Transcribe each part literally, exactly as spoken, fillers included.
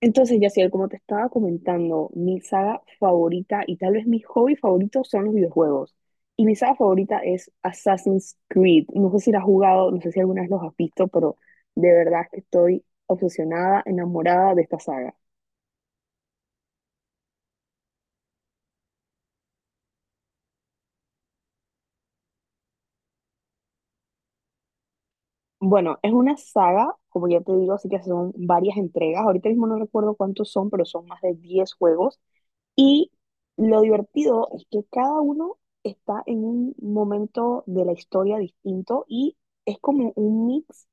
Entonces, Yaciel, como te estaba comentando, mi saga favorita y tal vez mi hobby favorito son los videojuegos. Y mi saga favorita es Assassin's Creed. No sé si la has jugado, no sé si alguna vez los has visto, pero de verdad que estoy obsesionada, enamorada de esta saga. Bueno, es una saga, como ya te digo, así que son varias entregas. Ahorita mismo no recuerdo cuántos son, pero son más de diez juegos. Y lo divertido es que cada uno está en un momento de la historia distinto y es como un mix,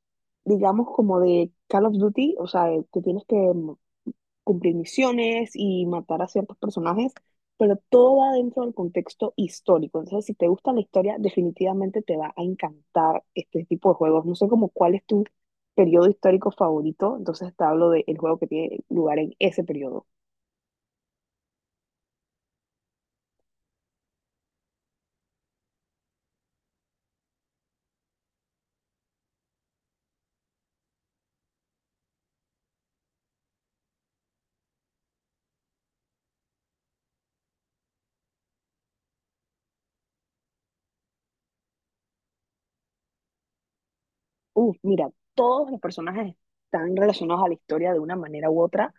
digamos, como de Call of Duty, o sea, de que tienes que mm, cumplir misiones y matar a ciertos personajes, pero todo va dentro del contexto histórico. Entonces, si te gusta la historia, definitivamente te va a encantar este tipo de juegos. No sé como cuál es tu periodo histórico favorito, entonces te hablo del juego que tiene lugar en ese periodo. Uf, mira, todos los personajes están relacionados a la historia de una manera u otra,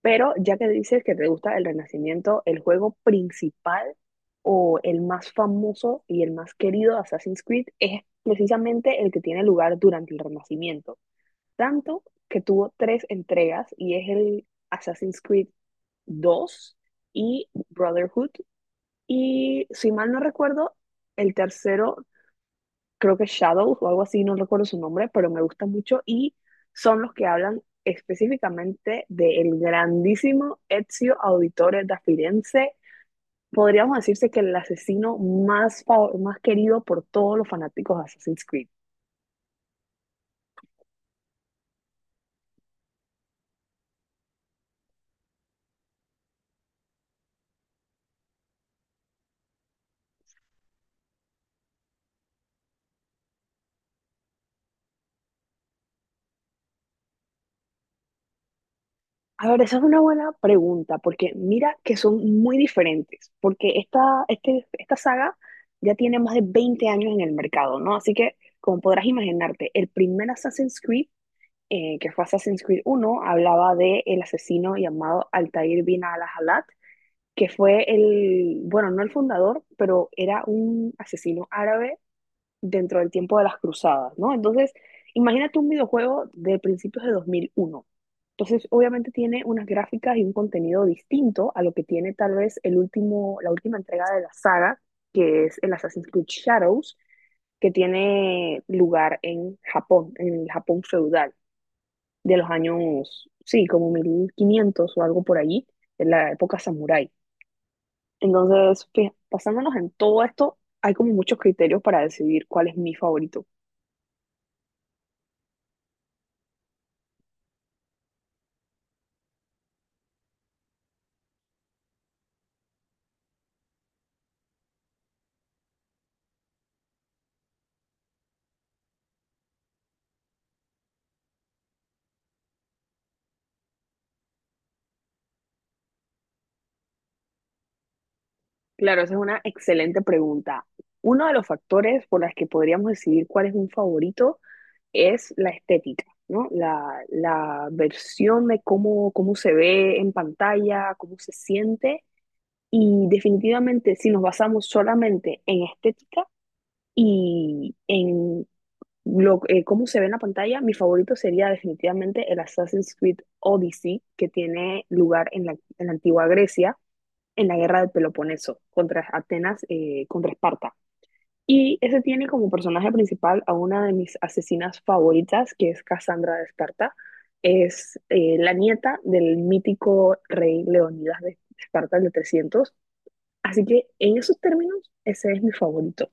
pero ya que dices que te gusta el Renacimiento, el juego principal o el más famoso y el más querido de Assassin's Creed es precisamente el que tiene lugar durante el Renacimiento. Tanto que tuvo tres entregas y es el Assassin's Creed dos y Brotherhood. Y si mal no recuerdo, el tercero creo que Shadows o algo así, no recuerdo su nombre, pero me gusta mucho y son los que hablan específicamente del grandísimo Ezio Auditore da Firenze. Podríamos decirse que el asesino más, fav- más querido por todos los fanáticos de Assassin's Creed. A ver, esa es una buena pregunta, porque mira que son muy diferentes, porque esta, este, esta saga ya tiene más de veinte años en el mercado, ¿no? Así que, como podrás imaginarte, el primer Assassin's Creed eh, que fue Assassin's Creed uno hablaba de el asesino llamado Altair bin al-Halat, que fue el, bueno, no el fundador, pero era un asesino árabe dentro del tiempo de las cruzadas, ¿no? Entonces, imagínate un videojuego de principios de dos mil uno. Entonces, obviamente tiene unas gráficas y un contenido distinto a lo que tiene tal vez el último, la última entrega de la saga, que es el Assassin's Creed Shadows, que tiene lugar en Japón, en el Japón feudal de los años, sí, como mil quinientos o algo por allí, en la época samurái. Entonces, fija- basándonos en todo esto, hay como muchos criterios para decidir cuál es mi favorito. Claro, esa es una excelente pregunta. Uno de los factores por los que podríamos decidir cuál es un favorito es la estética, ¿no? La, la versión de cómo, cómo se ve en pantalla, cómo se siente. Y definitivamente, si nos basamos solamente en estética y en Lo, eh, cómo se ve en la pantalla, mi favorito sería definitivamente el Assassin's Creed Odyssey, que tiene lugar en la, en la antigua Grecia, en la guerra del Peloponeso, contra Atenas, eh, contra Esparta. Y ese tiene como personaje principal a una de mis asesinas favoritas, que es Cassandra de Esparta. Es eh, la nieta del mítico rey Leonidas de Esparta, el de trescientos. Así que en esos términos, ese es mi favorito.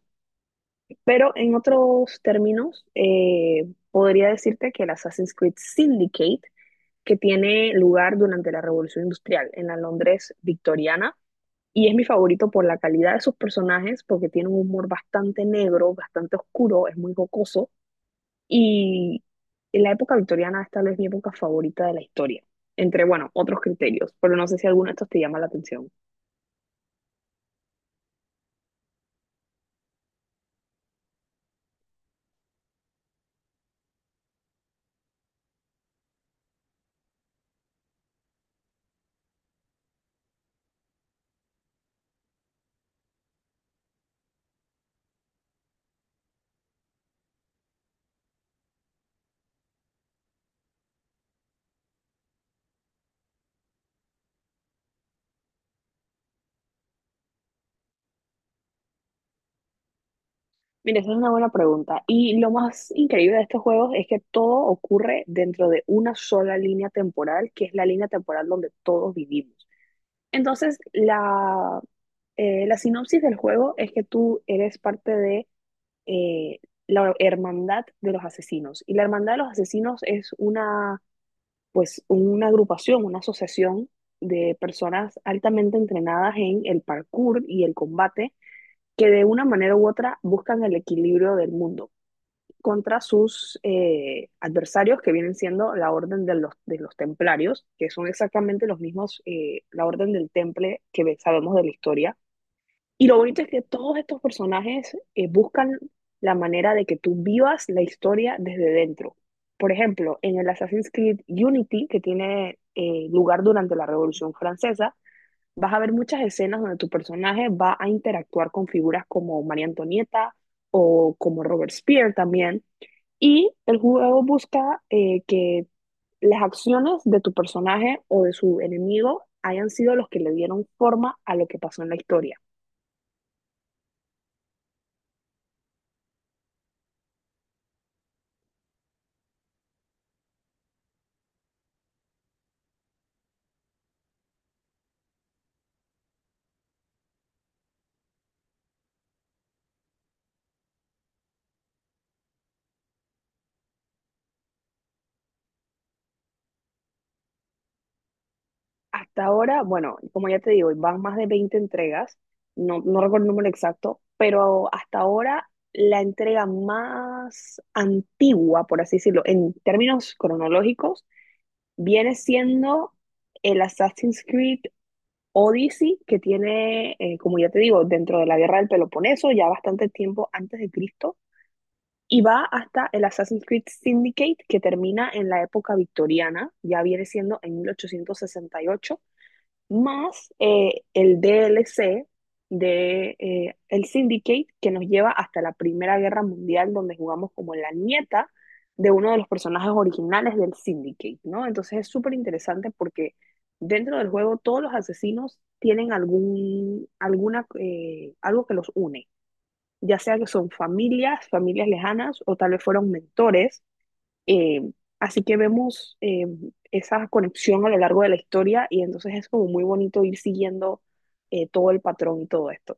Pero en otros términos, eh, podría decirte que el Assassin's Creed Syndicate, que tiene lugar durante la Revolución Industrial en la Londres victoriana, y es mi favorito por la calidad de sus personajes, porque tiene un humor bastante negro, bastante oscuro, es muy jocoso, y en la época victoriana es tal vez mi época favorita de la historia, entre, bueno, otros criterios, pero no sé si alguno de estos te llama la atención. Mira, esa es una buena pregunta. Y lo más increíble de estos juegos es que todo ocurre dentro de una sola línea temporal, que es la línea temporal donde todos vivimos. Entonces, la, eh, la sinopsis del juego es que tú eres parte de eh, la hermandad de los asesinos. Y la hermandad de los asesinos es una, pues, una agrupación, una asociación de personas altamente entrenadas en el parkour y el combate, que de una manera u otra buscan el equilibrio del mundo contra sus eh, adversarios, que vienen siendo la orden de los, de los templarios, que son exactamente los mismos, eh, la orden del temple que sabemos de la historia. Y lo bonito es que todos estos personajes eh, buscan la manera de que tú vivas la historia desde dentro. Por ejemplo, en el Assassin's Creed Unity, que tiene eh, lugar durante la Revolución Francesa, vas a ver muchas escenas donde tu personaje va a interactuar con figuras como María Antonieta o como Robert Spear también, y el juego busca eh, que las acciones de tu personaje o de su enemigo hayan sido los que le dieron forma a lo que pasó en la historia. Hasta ahora, bueno, como ya te digo, van más de veinte entregas, no, no recuerdo el número exacto, pero hasta ahora la entrega más antigua, por así decirlo, en términos cronológicos, viene siendo el Assassin's Creed Odyssey, que tiene, eh, como ya te digo, dentro de la guerra del Peloponeso, ya bastante tiempo antes de Cristo, y va hasta el Assassin's Creed Syndicate, que termina en la época victoriana, ya viene siendo en mil ochocientos sesenta y ocho más eh, el D L C de eh, el Syndicate que nos lleva hasta la Primera Guerra Mundial, donde jugamos como la nieta de uno de los personajes originales del Syndicate, ¿no? Entonces es súper interesante porque dentro del juego todos los asesinos tienen algún, alguna, eh, algo que los une, ya sea que son familias, familias lejanas o tal vez fueron mentores eh, así que vemos eh, esa conexión a lo largo de la historia y entonces es como muy bonito ir siguiendo eh, todo el patrón y todo esto.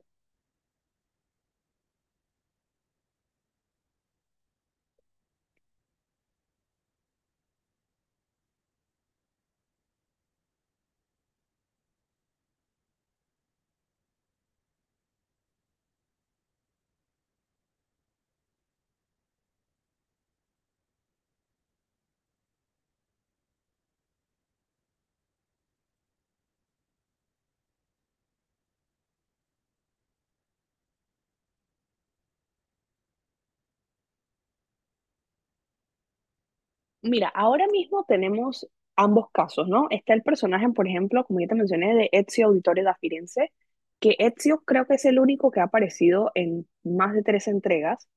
Mira, ahora mismo tenemos ambos casos, ¿no? Está el personaje, por ejemplo, como ya te mencioné, de Ezio Auditore da Firenze, que Ezio creo que es el único que ha aparecido en más de tres entregas.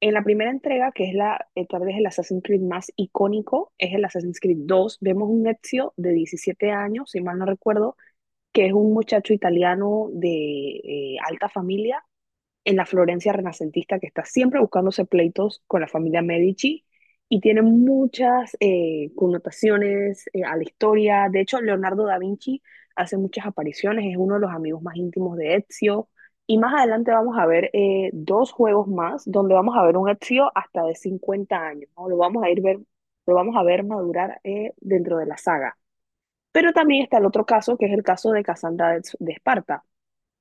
En la primera entrega, que es la, eh, tal vez el Assassin's Creed más icónico, es el Assassin's Creed dos. Vemos un Ezio de diecisiete años, si mal no recuerdo, que es un muchacho italiano de eh, alta familia en la Florencia renacentista que está siempre buscándose pleitos con la familia Medici y tiene muchas eh, connotaciones eh, a la historia. De hecho, Leonardo da Vinci hace muchas apariciones, es uno de los amigos más íntimos de Ezio. Y más adelante vamos a ver eh, dos juegos más donde vamos a ver un Ezio hasta de cincuenta años, ¿no? Lo vamos a ir ver, lo vamos a ver madurar eh, dentro de la saga. Pero también está el otro caso, que es el caso de Casandra de, de Esparta.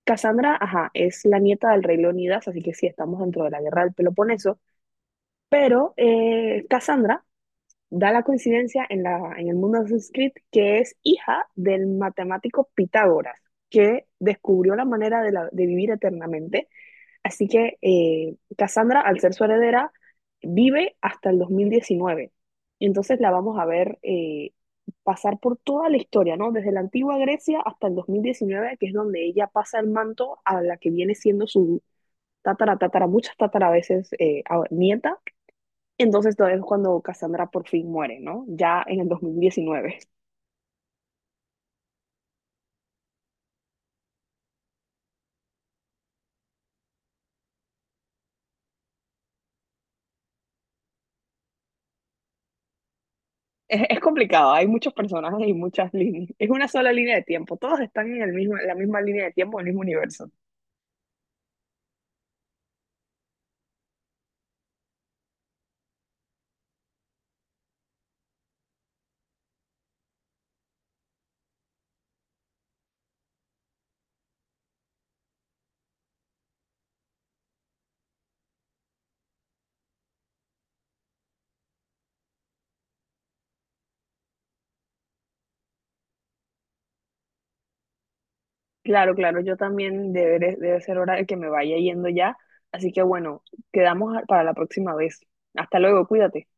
Casandra, ajá, es la nieta del rey Leonidas, así que sí, estamos dentro de la guerra del Peloponeso, pero eh, Casandra da la coincidencia en, la, en el mundo de Assassin's Creed que es hija del matemático Pitágoras, que descubrió la manera de, la, de vivir eternamente. Así que eh, Cassandra, al ser su heredera, vive hasta el dos mil diecinueve. Entonces la vamos a ver eh, pasar por toda la historia, ¿no? Desde la antigua Grecia hasta el dos mil diecinueve, que es donde ella pasa el manto a la que viene siendo su tatara, tatara, muchas tatara a veces eh, a- nieta. Entonces todo es cuando Cassandra por fin muere, ¿no? Ya en el dos mil diecinueve. Es, es complicado, hay muchos personajes y muchas líneas. Es una sola línea de tiempo, todos están en el mismo, en la misma línea de tiempo, en el mismo universo. Claro, claro, yo también deberé, debe ser hora de que me vaya yendo ya. Así que bueno, quedamos a- para la próxima vez. Hasta luego, cuídate.